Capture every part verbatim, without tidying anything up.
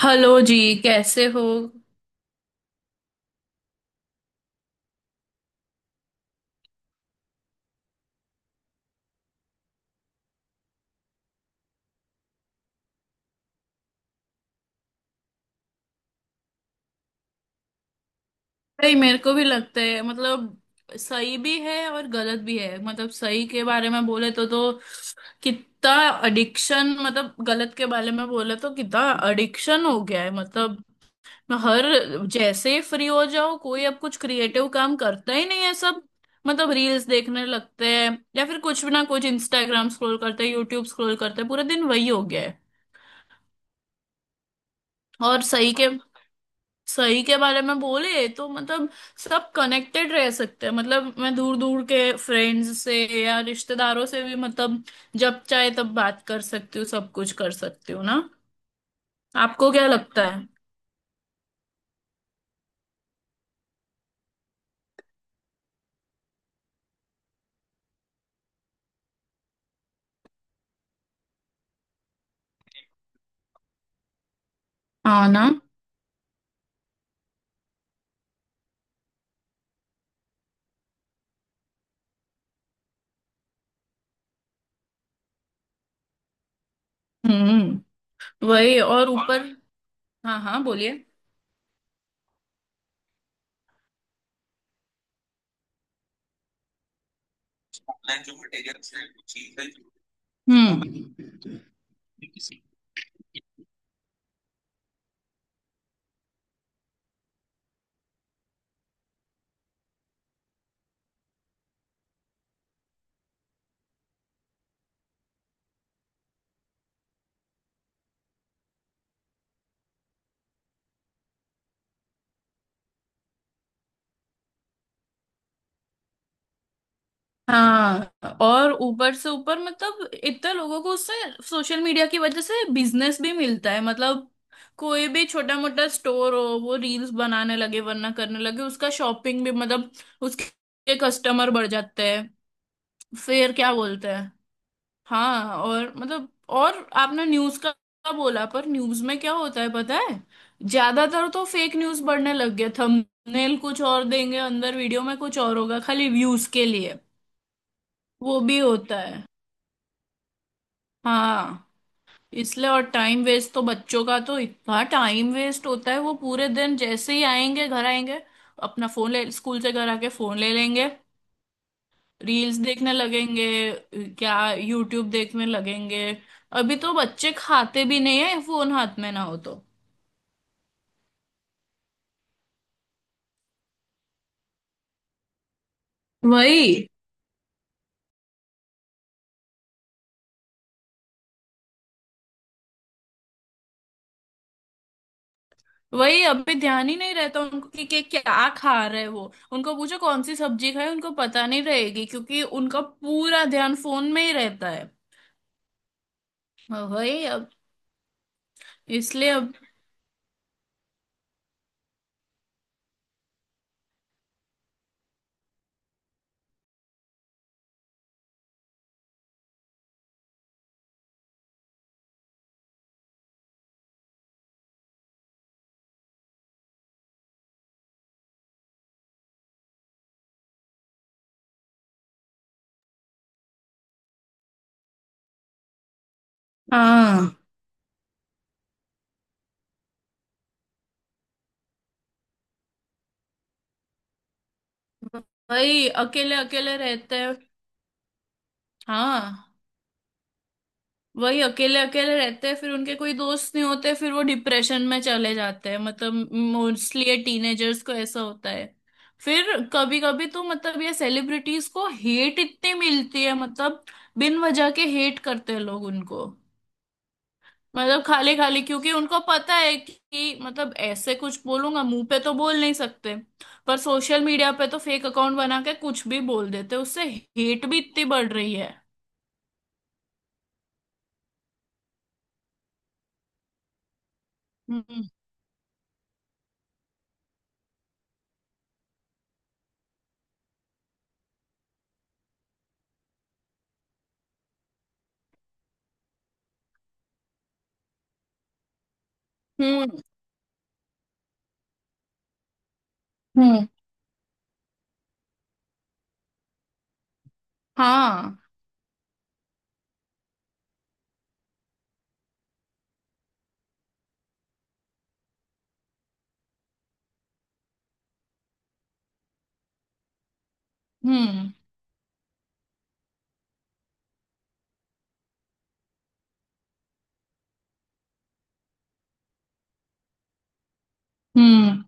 Hello जी। कैसे हो? भाई, मेरे को भी लगता है मतलब सही भी है और गलत भी है। मतलब सही के बारे में बोले तो तो कितना एडिक्शन, मतलब गलत के बारे में बोले तो कितना एडिक्शन हो गया है। मतलब हर जैसे ही फ्री हो जाओ, कोई अब कुछ क्रिएटिव काम करता ही नहीं है। सब मतलब रील्स देखने लगते हैं या फिर कुछ भी ना कुछ इंस्टाग्राम स्क्रॉल करते हैं, यूट्यूब स्क्रॉल करते हैं। पूरा दिन वही हो गया है। और सही के, सही के बारे में बोले तो मतलब सब कनेक्टेड रह सकते हैं। मतलब मैं दूर दूर के फ्रेंड्स से या रिश्तेदारों से भी, मतलब जब चाहे तब बात कर सकती हूँ, सब कुछ कर सकती हूँ ना। आपको क्या लगता है? हाँ ना। हम्म। वही और ऊपर। हाँ हाँ, बोलिए। हम्म। हाँ, और ऊपर से ऊपर, मतलब इतने लोगों को उससे सोशल मीडिया की वजह से बिजनेस भी मिलता है। मतलब कोई भी छोटा मोटा स्टोर हो, वो रील्स बनाने लगे वरना करने लगे उसका शॉपिंग भी, मतलब उसके कस्टमर बढ़ जाते हैं। फिर क्या बोलते हैं? हाँ, और मतलब और आपने न्यूज़ का बोला, पर न्यूज़ में क्या होता है पता है? ज्यादातर तो फेक न्यूज़ बढ़ने लग गया। थंबनेल कुछ और देंगे, अंदर वीडियो में कुछ और होगा, खाली व्यूज के लिए। वो भी होता है। हाँ, इसलिए। और टाइम वेस्ट तो बच्चों का तो इतना टाइम वेस्ट होता है। वो पूरे दिन जैसे ही आएंगे, घर आएंगे, अपना फोन ले, स्कूल से घर आके फोन ले लेंगे। रील्स देखने लगेंगे, क्या यूट्यूब देखने लगेंगे। अभी तो बच्चे खाते भी नहीं है फोन हाथ में ना हो तो। वही, वही। अभी ध्यान ही नहीं रहता उनको कि, कि क्या खा रहे हैं। वो उनको पूछो कौन सी सब्जी खाए, उनको पता नहीं रहेगी, क्योंकि उनका पूरा ध्यान फोन में ही रहता है। वही अब। इसलिए। हाँ, वही अकेले अकेले रहते हैं। हाँ, वही अकेले अकेले रहते हैं, फिर उनके कोई दोस्त नहीं होते, फिर वो डिप्रेशन में चले जाते हैं, मतलब मोस्टली टीनेजर्स को ऐसा होता है। फिर कभी कभी तो मतलब ये सेलिब्रिटीज को हेट इतनी मिलती है, मतलब बिन वजह के हेट करते हैं लोग उनको, मतलब खाली खाली, क्योंकि उनको पता है कि मतलब ऐसे कुछ बोलूंगा मुंह पे तो बोल नहीं सकते, पर सोशल मीडिया पे तो फेक अकाउंट बना के कुछ भी बोल देते उससे। हेट भी इतनी बढ़ रही है। हम्म हम्म हम्म। हाँ। हम्म हम्म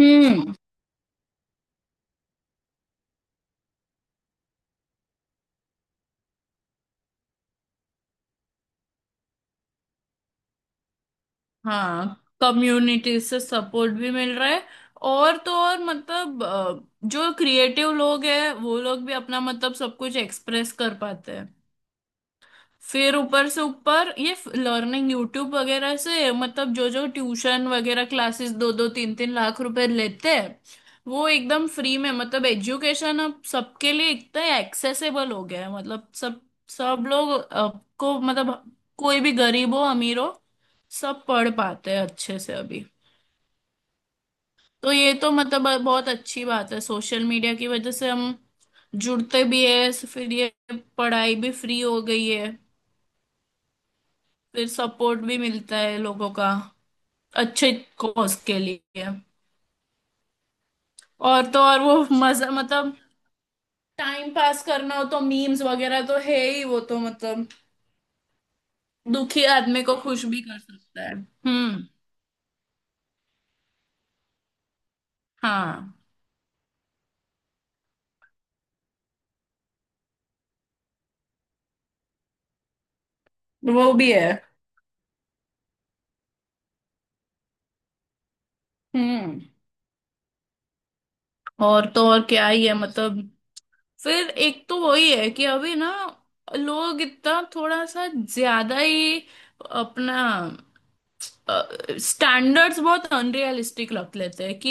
हम्म। हाँ, कम्युनिटी से सपोर्ट भी मिल रहा है। और तो और मतलब अ, जो क्रिएटिव लोग हैं वो लोग भी अपना मतलब सब कुछ एक्सप्रेस कर पाते हैं। फिर ऊपर से ऊपर ये लर्निंग यूट्यूब वगैरह से, मतलब जो जो ट्यूशन वगैरह क्लासेस दो दो तीन तीन लाख रुपए लेते हैं, वो एकदम फ्री में। मतलब एजुकेशन अब सबके लिए इतना एक्सेसिबल हो गया है। मतलब सब, सब लोग अब को मतलब कोई भी गरीब हो अमीर हो, सब पढ़ पाते हैं अच्छे से अभी। तो ये तो मतलब बहुत अच्छी बात है। सोशल मीडिया की वजह से हम जुड़ते भी है, फिर ये पढ़ाई भी फ्री हो गई है, फिर सपोर्ट भी मिलता है लोगों का अच्छे कॉज के लिए। और तो और वो मजा, मतलब टाइम पास करना हो तो मीम्स वगैरह तो है ही। वो तो मतलब दुखी आदमी को खुश भी कर सकता है। हम्म। हाँ, वो भी है। हम्म। और तो और क्या ही है मतलब। फिर एक तो वही है कि अभी ना लोग इतना थोड़ा सा ज्यादा ही अपना स्टैंडर्ड्स बहुत अनरियलिस्टिक रख लेते हैं कि,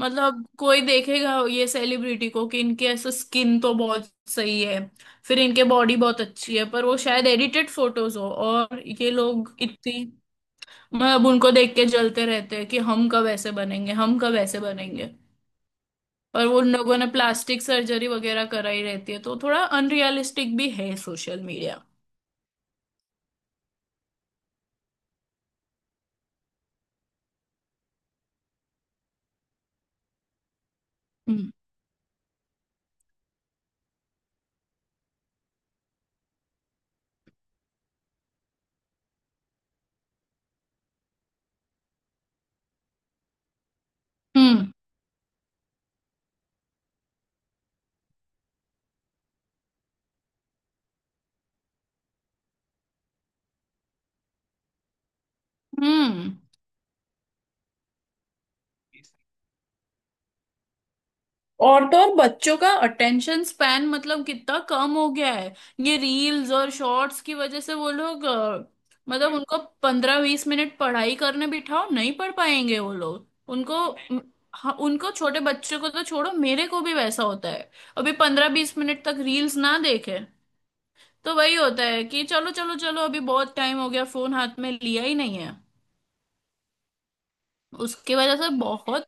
मतलब कोई देखेगा ये सेलिब्रिटी को कि इनके ऐसा स्किन तो बहुत सही है, फिर इनके बॉडी बहुत अच्छी है, पर वो शायद एडिटेड फोटोज हो और ये लोग इतनी मतलब उनको देख के जलते रहते हैं कि हम कब ऐसे बनेंगे, हम कब ऐसे बनेंगे। और वो उन लोगों ने प्लास्टिक सर्जरी वगैरह कराई रहती है, तो थोड़ा अनरियलिस्टिक भी है सोशल मीडिया। हम्म हम्म हम्म। और तो और बच्चों का अटेंशन स्पैन मतलब कितना कम हो गया है ये रील्स और शॉर्ट्स की वजह से। वो लोग अ, मतलब उनको पंद्रह बीस मिनट पढ़ाई करने बिठाओ, नहीं पढ़ पाएंगे वो लोग उनको। म, हाँ, उनको छोटे बच्चों को तो छोड़ो, मेरे को भी वैसा होता है। अभी पंद्रह बीस मिनट तक रील्स ना देखे तो वही होता है कि चलो चलो चलो, अभी बहुत टाइम हो गया फोन हाथ में लिया ही नहीं है। उसकी वजह से बहुत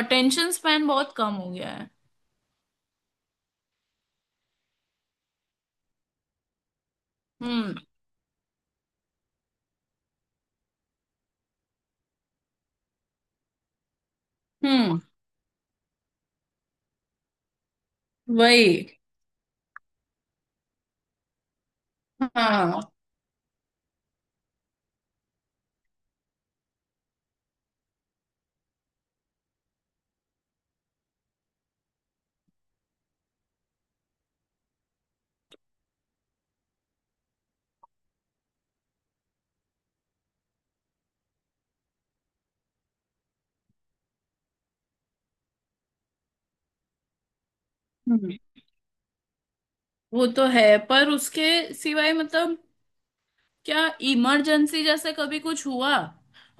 अटेंशन स्पैन बहुत कम हो गया है। हम्म हम्म। वही। हाँ। हम्म, वो तो है। पर उसके सिवाय, मतलब क्या, इमरजेंसी जैसे कभी कुछ हुआ,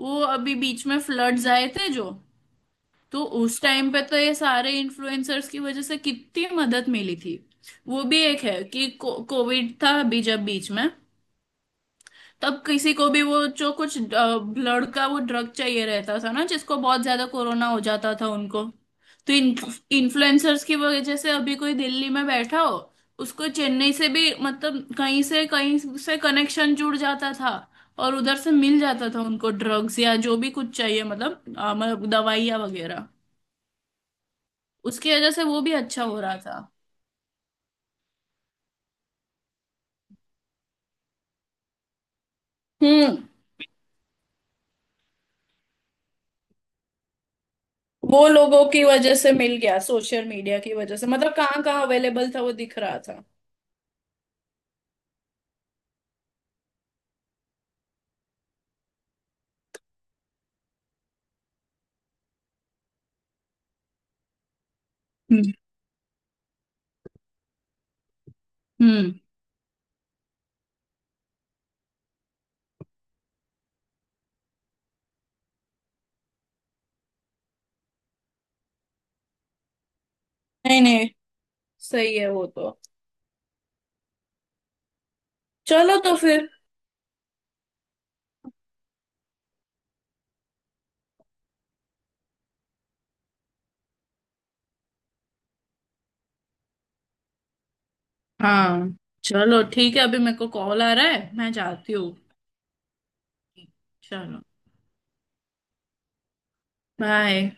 वो अभी बीच में फ्लड्स आए थे जो, तो उस टाइम पे तो ये सारे इन्फ्लुएंसर्स की वजह से कितनी मदद मिली थी। वो भी एक है कि को, कोविड था अभी जब बीच में, तब किसी को भी वो जो कुछ ब्लड का वो ड्रग चाहिए रहता था ना जिसको बहुत ज्यादा कोरोना हो जाता था उनको, तो इन इन्फ्लुएंसर्स की वजह से अभी कोई दिल्ली में बैठा हो, उसको चेन्नई से भी मतलब कहीं से कहीं से कनेक्शन जुड़ जाता था और उधर से मिल जाता था उनको ड्रग्स या जो भी कुछ चाहिए, मतलब अ, मतलब दवाइयाँ वगैरह। उसकी वजह से वो भी अच्छा हो रहा था। हम्म। वो लोगों की वजह से मिल गया सोशल मीडिया की वजह से, मतलब कहाँ कहाँ अवेलेबल था वो दिख रहा था। हम्म। नहीं नहीं, सही है वो तो। चलो तो फिर। हाँ, चलो ठीक है, अभी मेरे को कॉल आ रहा है, मैं जाती हूँ। चलो, बाय।